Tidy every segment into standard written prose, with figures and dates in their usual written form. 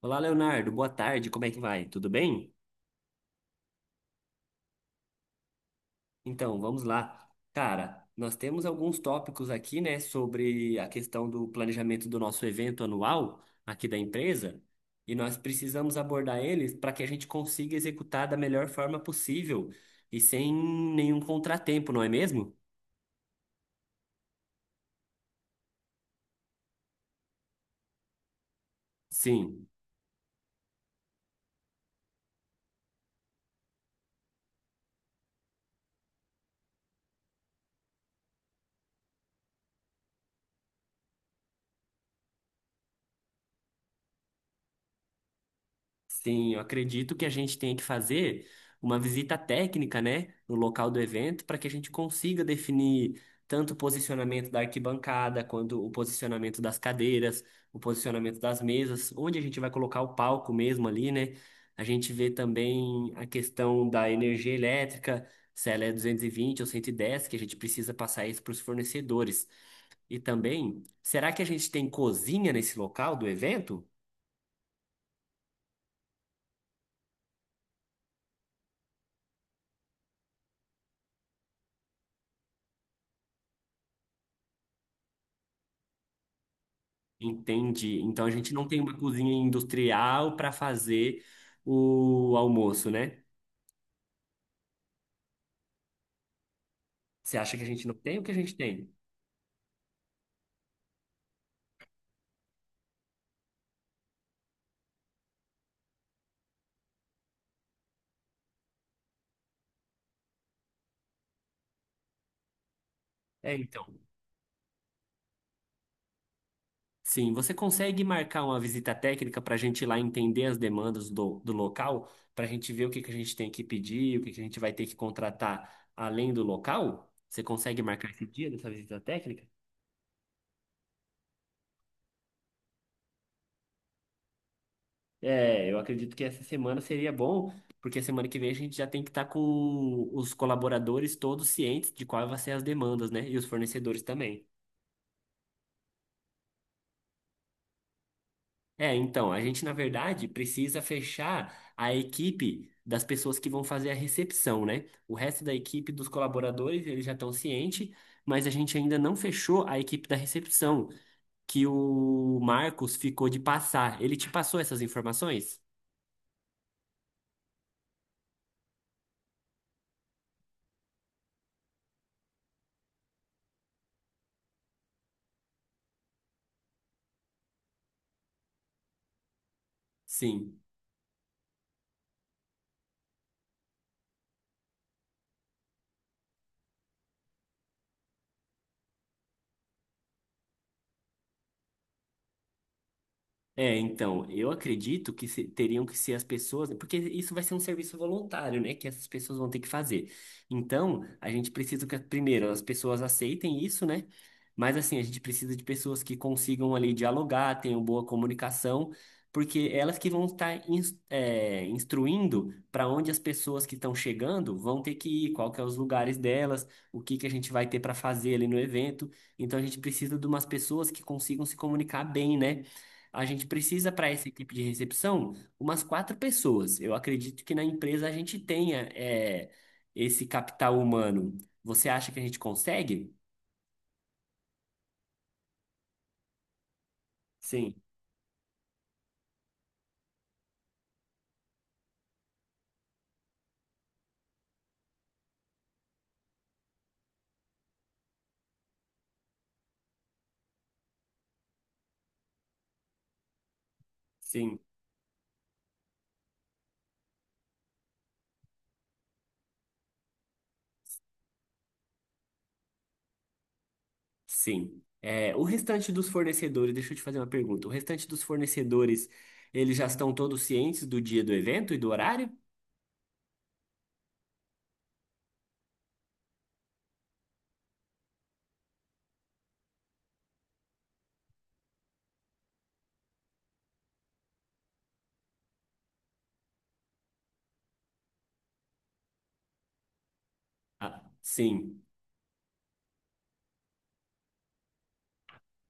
Olá, Leonardo. Boa tarde. Como é que vai? Tudo bem? Então, vamos lá. Cara, nós temos alguns tópicos aqui, né, sobre a questão do planejamento do nosso evento anual aqui da empresa, e nós precisamos abordar eles para que a gente consiga executar da melhor forma possível e sem nenhum contratempo, não é mesmo? Sim. Sim, eu acredito que a gente tenha que fazer uma visita técnica, né, no local do evento, para que a gente consiga definir tanto o posicionamento da arquibancada, quanto o posicionamento das cadeiras, o posicionamento das mesas, onde a gente vai colocar o palco mesmo ali, né? A gente vê também a questão da energia elétrica, se ela é 220 ou 110, que a gente precisa passar isso para os fornecedores. E também, será que a gente tem cozinha nesse local do evento? Entendi. Então a gente não tem uma cozinha industrial para fazer o almoço, né? Você acha que a gente não tem o que a gente tem? É, então. Sim, você consegue marcar uma visita técnica para a gente ir lá entender as demandas do local, para a gente ver o que que a gente tem que pedir, o que que a gente vai ter que contratar além do local? Você consegue marcar esse dia dessa visita técnica? É, eu acredito que essa semana seria bom, porque semana que vem a gente já tem que estar com os colaboradores todos cientes de quais vão ser as demandas, né? E os fornecedores também. É, então, a gente, na verdade, precisa fechar a equipe das pessoas que vão fazer a recepção, né? O resto da equipe dos colaboradores, eles já estão cientes, mas a gente ainda não fechou a equipe da recepção, que o Marcos ficou de passar. Ele te passou essas informações? Sim. É, então, eu acredito que teriam que ser as pessoas, porque isso vai ser um serviço voluntário, né, que essas pessoas vão ter que fazer. Então, a gente precisa que, primeiro, as pessoas aceitem isso, né? Mas, assim, a gente precisa de pessoas que consigam ali dialogar, tenham boa comunicação, porque elas que vão estar instruindo para onde as pessoas que estão chegando vão ter que ir, qual que é os lugares delas, o que que a gente vai ter para fazer ali no evento. Então, a gente precisa de umas pessoas que consigam se comunicar bem, né? A gente precisa para essa equipe de recepção umas quatro pessoas. Eu acredito que na empresa a gente tenha esse capital humano. Você acha que a gente consegue? Sim, sim, sim. É, o restante dos fornecedores, deixa eu te fazer uma pergunta. O restante dos fornecedores, eles já estão todos cientes do dia do evento e do horário? Ah, sim.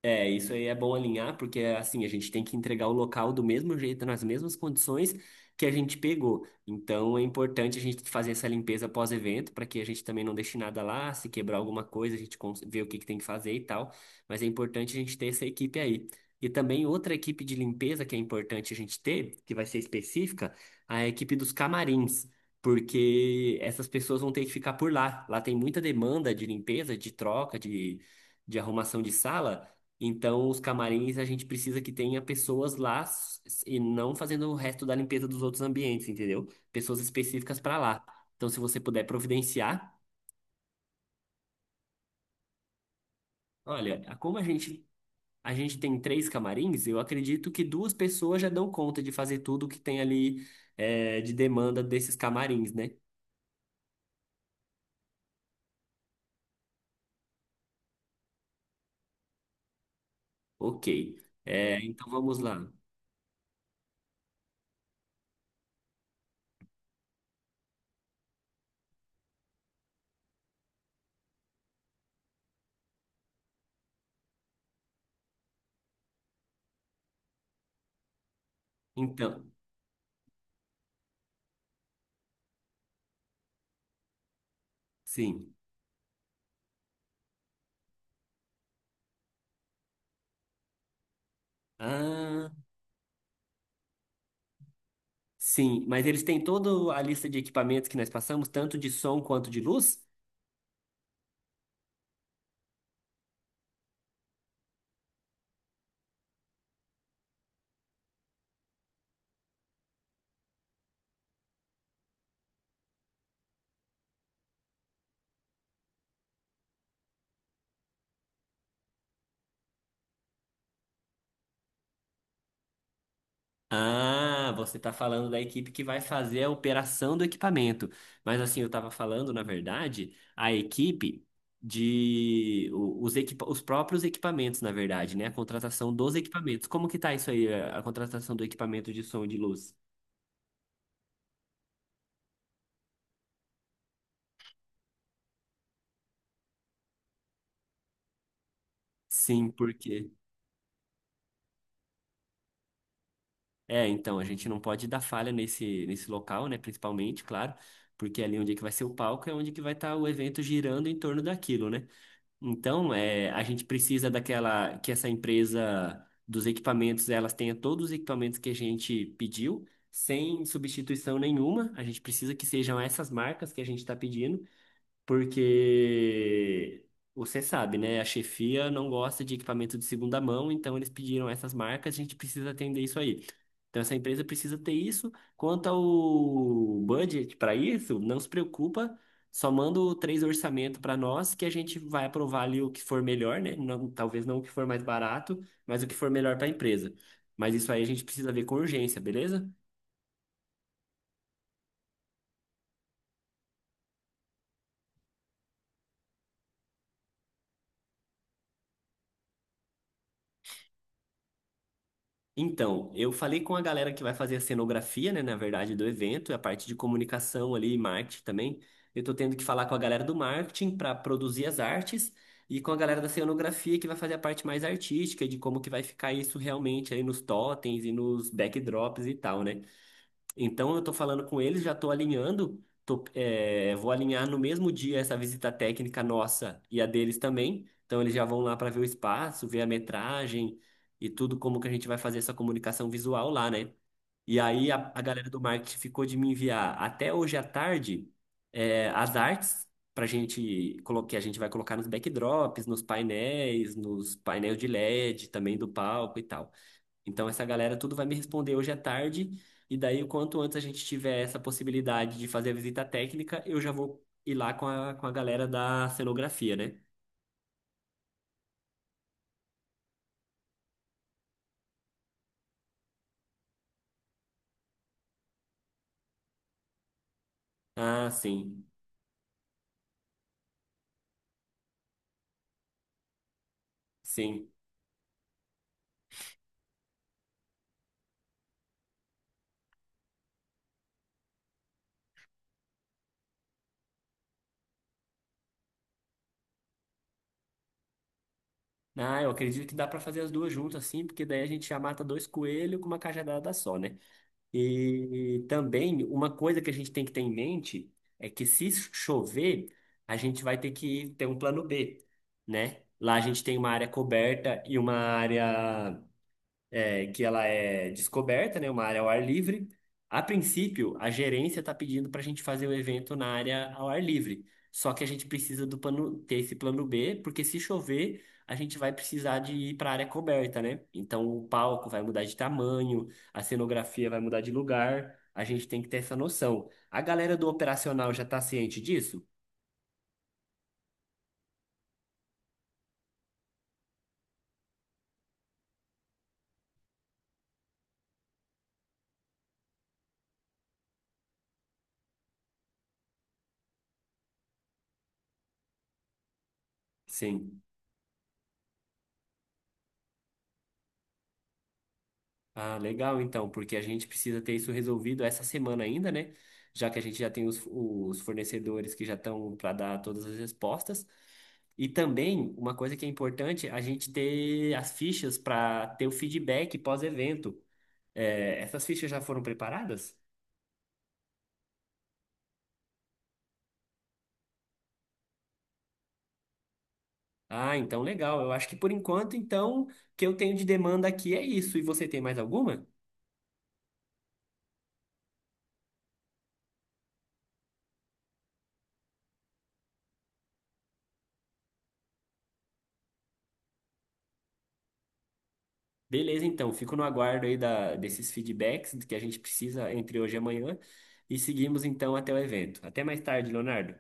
É, isso aí é bom alinhar, porque assim, a gente tem que entregar o local do mesmo jeito, nas mesmas condições que a gente pegou. Então é importante a gente fazer essa limpeza pós-evento, para que a gente também não deixe nada lá, se quebrar alguma coisa, a gente vê o que que tem que fazer e tal. Mas é importante a gente ter essa equipe aí. E também outra equipe de limpeza que é importante a gente ter, que vai ser específica, a equipe dos camarins. Porque essas pessoas vão ter que ficar por lá. Lá tem muita demanda de limpeza, de troca, de arrumação de sala. Então, os camarins a gente precisa que tenha pessoas lá e não fazendo o resto da limpeza dos outros ambientes, entendeu? Pessoas específicas para lá. Então, se você puder providenciar, olha, como a gente tem três camarins, eu acredito que duas pessoas já dão conta de fazer tudo que tem ali de demanda desses camarins, né? Ok. É, então vamos lá. Então, sim. Ah, sim. Mas eles têm toda a lista de equipamentos que nós passamos, tanto de som quanto de luz? Ah, você está falando da equipe que vai fazer a operação do equipamento. Mas assim, eu estava falando, na verdade, a equipe de os próprios equipamentos, na verdade, né? A contratação dos equipamentos. Como que tá isso aí, a contratação do equipamento de som e de luz? Sim, porque é, então a gente não pode dar falha nesse local, né, principalmente, claro, porque ali onde é que vai ser o palco é onde que vai estar o evento girando em torno daquilo, né? Então, é, a gente precisa daquela que essa empresa dos equipamentos, elas tenha todos os equipamentos que a gente pediu, sem substituição nenhuma. A gente precisa que sejam essas marcas que a gente está pedindo porque você sabe, né? A chefia não gosta de equipamento de segunda mão, então eles pediram essas marcas, a gente precisa atender isso aí. Então essa empresa precisa ter isso. Quanto ao budget para isso, não se preocupa, só manda o três orçamento para nós que a gente vai aprovar ali o que for melhor, né? Não- talvez não o que for mais barato, mas o que for melhor para a empresa. Mas isso aí a gente precisa ver com urgência, beleza? Então, eu falei com a galera que vai fazer a cenografia, né, na verdade, do evento, a parte de comunicação ali e marketing também. Eu tô tendo que falar com a galera do marketing para produzir as artes e com a galera da cenografia que vai fazer a parte mais artística de como que vai ficar isso realmente aí nos totens e nos backdrops e tal, né? Então eu estou falando com eles, já estou alinhando, tô, vou alinhar no mesmo dia essa visita técnica nossa e a deles também. Então eles já vão lá para ver o espaço, ver a metragem e tudo como que a gente vai fazer essa comunicação visual lá, né? E aí a galera do marketing ficou de me enviar até hoje à tarde é, as artes para gente que a gente vai colocar nos backdrops, nos painéis de LED também do palco e tal. Então, essa galera tudo vai me responder hoje à tarde, e daí, o quanto antes a gente tiver essa possibilidade de fazer a visita técnica, eu já vou ir lá com a galera da cenografia, né? Ah, sim, sim. Ah, eu acredito que dá para fazer as duas juntas, sim, porque daí a gente já mata dois coelhos com uma cajadada só, né? E também, uma coisa que a gente tem que ter em mente é que se chover, a gente vai ter que ter um plano B, né? Lá a gente tem uma área coberta e uma área. É, que ela é descoberta, né? Uma área ao ar livre. A princípio, a gerência está pedindo para a gente fazer o evento na área ao ar livre. Só que a gente precisa do plano, ter esse plano B, porque se chover, a gente vai precisar de ir para a área coberta, né? Então o palco vai mudar de tamanho, a cenografia vai mudar de lugar. A gente tem que ter essa noção. A galera do operacional já está ciente disso? Sim. Ah, legal então, porque a gente precisa ter isso resolvido essa semana ainda, né? Já que a gente já tem os fornecedores que já estão para dar todas as respostas. E também, uma coisa que é importante, a gente ter as fichas para ter o feedback pós-evento. É, essas fichas já foram preparadas? Ah, então legal. Eu acho que por enquanto, então, o que eu tenho de demanda aqui é isso. E você tem mais alguma? Beleza, então, fico no aguardo aí da, desses feedbacks que a gente precisa entre hoje e amanhã e seguimos então até o evento. Até mais tarde, Leonardo.